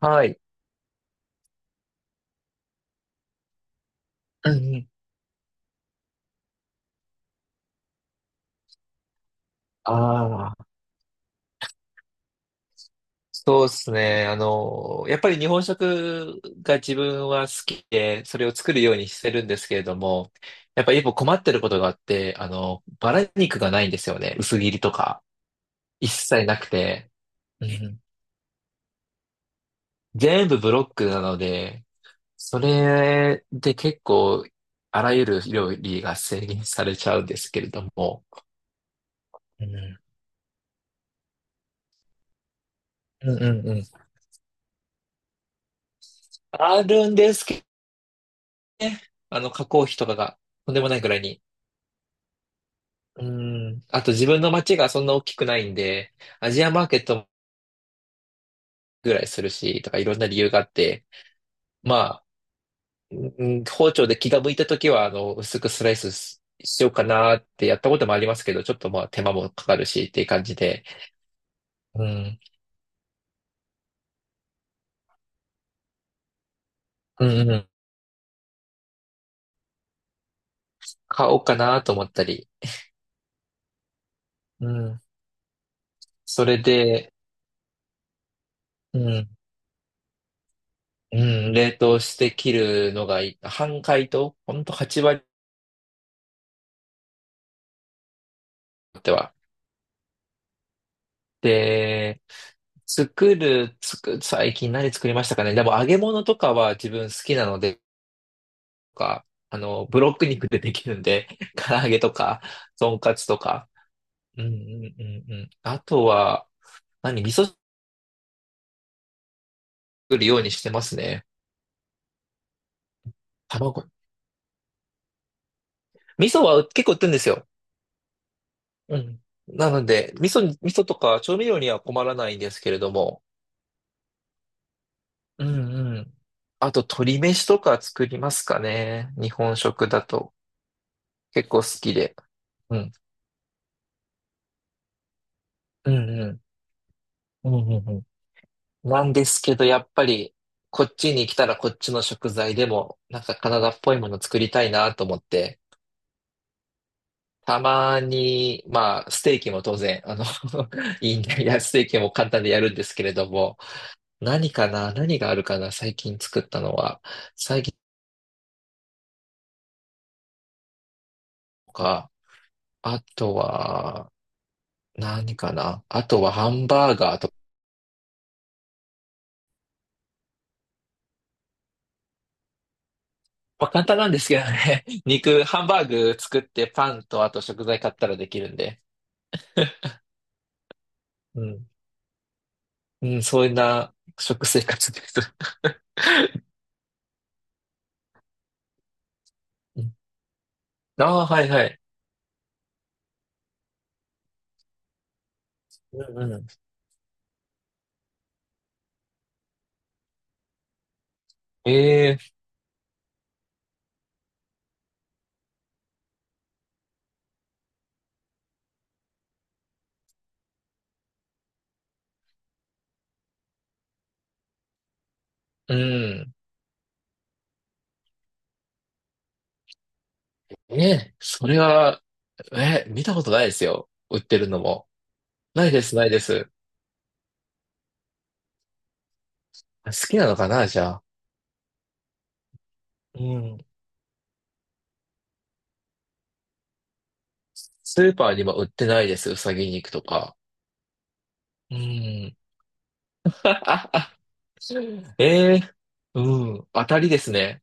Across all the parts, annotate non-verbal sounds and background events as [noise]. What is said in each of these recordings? はい。うんうん。ああ、そうですね。やっぱり日本食が自分は好きで、それを作るようにしてるんですけれども、やっぱり一歩困ってることがあって、バラ肉がないんですよね。薄切りとか。一切なくて。うん、全部ブロックなので、それで結構、あらゆる料理が制限されちゃうんですけれども。うんうんうんうん。あるんですけどね。加工費とかがとんでもないくらいに。うん。あと自分の街がそんな大きくないんで、アジアマーケットぐらいするし、とかいろんな理由があって、まあ、うん、包丁で気が向いたときは、薄くスライスししようかなってやったこともありますけど、ちょっとまあ手間もかかるしっていう感じで、うん、うん、うん、買おうかなと思ったり、うん、それで、うん、うん、冷凍して切るのがいい、半解凍、ほんと8割っては。で、作る、最近何作りましたかね。でも揚げ物とかは自分好きなので、とか、ブロック肉でできるんで、[laughs] 唐揚げとか、とんかつとか。うんうんうんうん。あとは、何、味噌作るようにしてますね。卵。味噌は結構売ってるんですよ。うん。なので、味噌とか調味料には困らないんですけれども。うんうん。あと、鶏飯とか作りますかね。日本食だと。結構好きで。うん。うんうん。うんうんうん。なんですけど、やっぱり、こっちに来たらこっちの食材でも、なんかカナダっぽいもの作りたいなと思って、たまに、まあ、ステーキも当然、[laughs] いいんだ、いや、ステーキも簡単でやるんですけれども、何かな、何があるかな、最近作ったのは、最近とか、あとは、何かな、あとはハンバーガーとか、まあ、簡単なんですけどね、[laughs] ハンバーグ作ってパンとあと食材買ったらできるんで、うん。うん、そんな食生活です。うん、ああ、はいはい。うんうん。ええ、うん。ね、え、それは、ええ、見たことないですよ。売ってるのも。ないです、ないです。好きなのかな、じゃあ。うん。スーパーにも売ってないです、うさぎ肉とか。うん。[laughs] ええ、うん。当たりですね。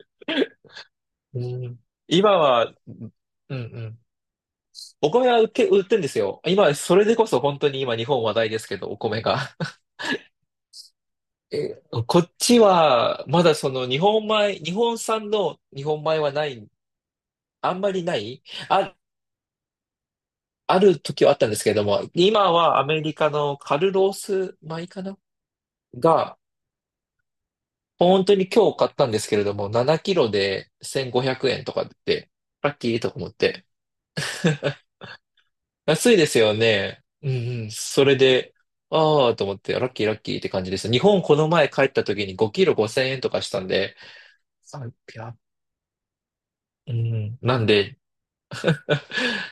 [laughs] うん。今は、うんうん。お米は売って、売ってんですよ。今、それでこそ本当に今日本話題ですけど、お米が。え、こっちは、まだその日本米、日本産の日本米はない、あんまりない、あ、ある時はあったんですけれども、今はアメリカのカルロース米かな、が、本当に今日買ったんですけれども、7キロで1500円とかで、ラッキーとか思って。[laughs] 安いですよね。うんうん。それで、ああ、と思って、ラッキーラッキーって感じです。日本この前帰った時に5キロ5000円とかしたんで、あや、うん。なんで、[laughs]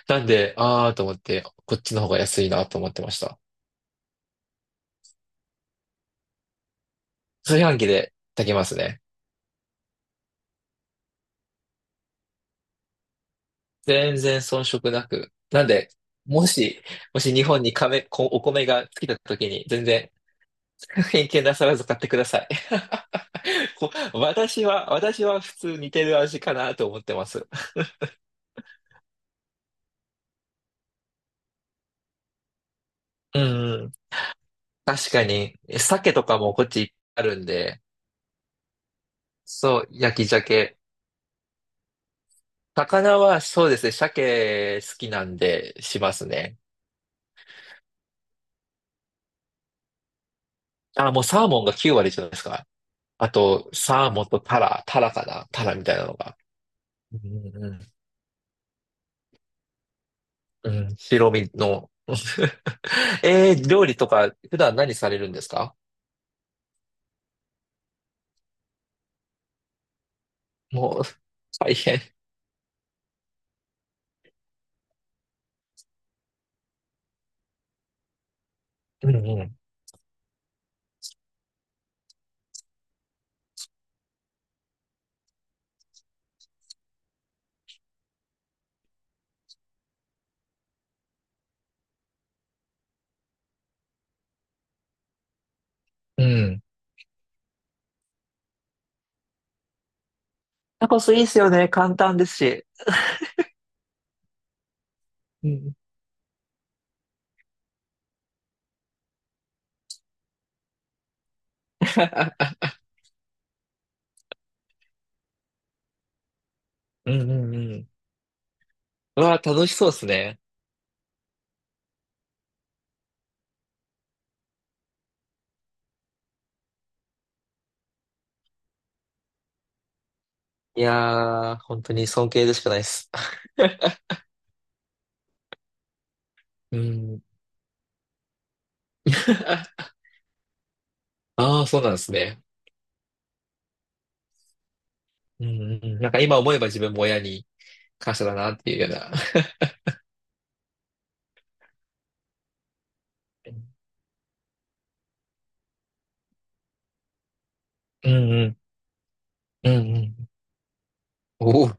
なんで、あーと思って、こっちの方が安いなと思ってました。炊飯器で炊けますね。全然遜色なく。なんで、もし、もし日本に米、お米が尽きた時に、全然 [laughs] 偏見なさらず買ってください。[laughs] こ私は、私は普通似てる味かなと思ってます。うんうん。確かに、鮭とかもこっちあるんで、そう、焼き鮭。魚はそうですね、鮭好きなんでしますね。あ、もうサーモンが9割じゃないですか。あと、サーモンとタラ、タラかなタラみたいなのが。うんうんうん。うん、白身の。[laughs] えー、料理とか普段何されるんですか？もう、大変。うんうん。うん。タコスいいっすよね。簡単ですし。うん。[laughs] うんうんうん。うわー、楽しそうですね。いやー、本当に尊敬でしかないです。うん。[laughs] ああ、そうなんですね。うんうんうん。なんか今思えば自分も親に感謝だなっていうような。[laughs] うんうん、うんうん。おお、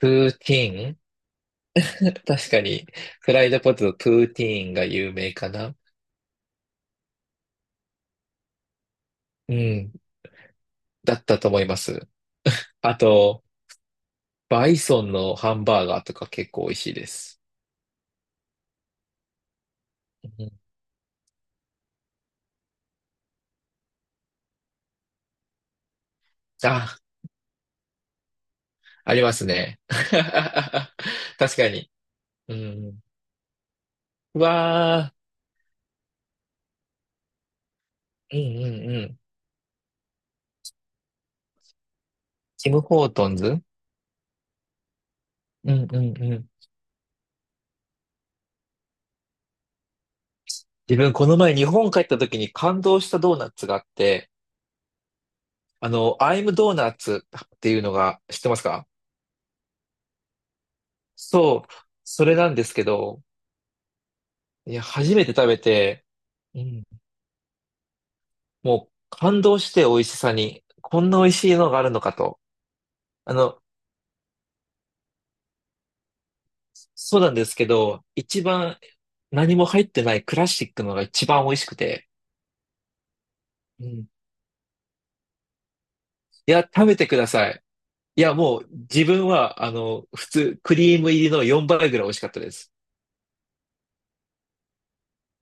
プーティーン。 [laughs] 確かに、フライドポテト、プーティーンが有名かな。うん、だったと思います。あと、バイソンのハンバーガーとか結構美味しいです。うん、あ、ありますね。[laughs] 確かに。うん。うわー、うんうんうん。ティム・ホートンズ。うんうんうん。自分、この前日本帰った時に感動したドーナツがあって、アイムドーナツっていうのが知ってますか？そう、それなんですけど、いや、初めて食べて、うん、もう感動して美味しさに、こんな美味しいのがあるのかと。あの、そうなんですけど、一番何も入ってないクラシックのが一番美味しくて、うん、いや、食べてください。いや、もう自分は、普通、クリーム入りの4倍ぐらい美味しかったです。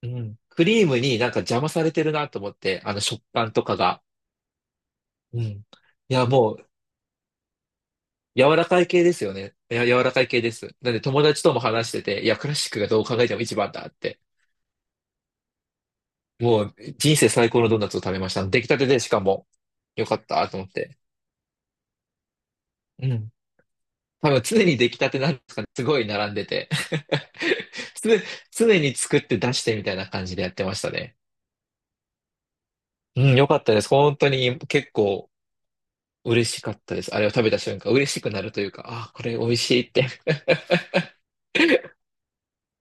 うん、クリームになんか邪魔されてるなと思って、あの食感とかが。うん。いや、もう柔らかい系ですよね。いや、柔らかい系です。なんで友達とも話してて、いや、クラシックがどう考えても一番だって。もう人生最高のドーナツを食べました。出来たてでしかも、よかったと思って。うん。多分常に出来たてなんですかね。すごい並んでて。[laughs] 常、常に作って出してみたいな感じでやってましたね。うん、よかったです。本当に結構嬉しかったです。あれを食べた瞬間、嬉しくなるというか、あー、これ美味しいって。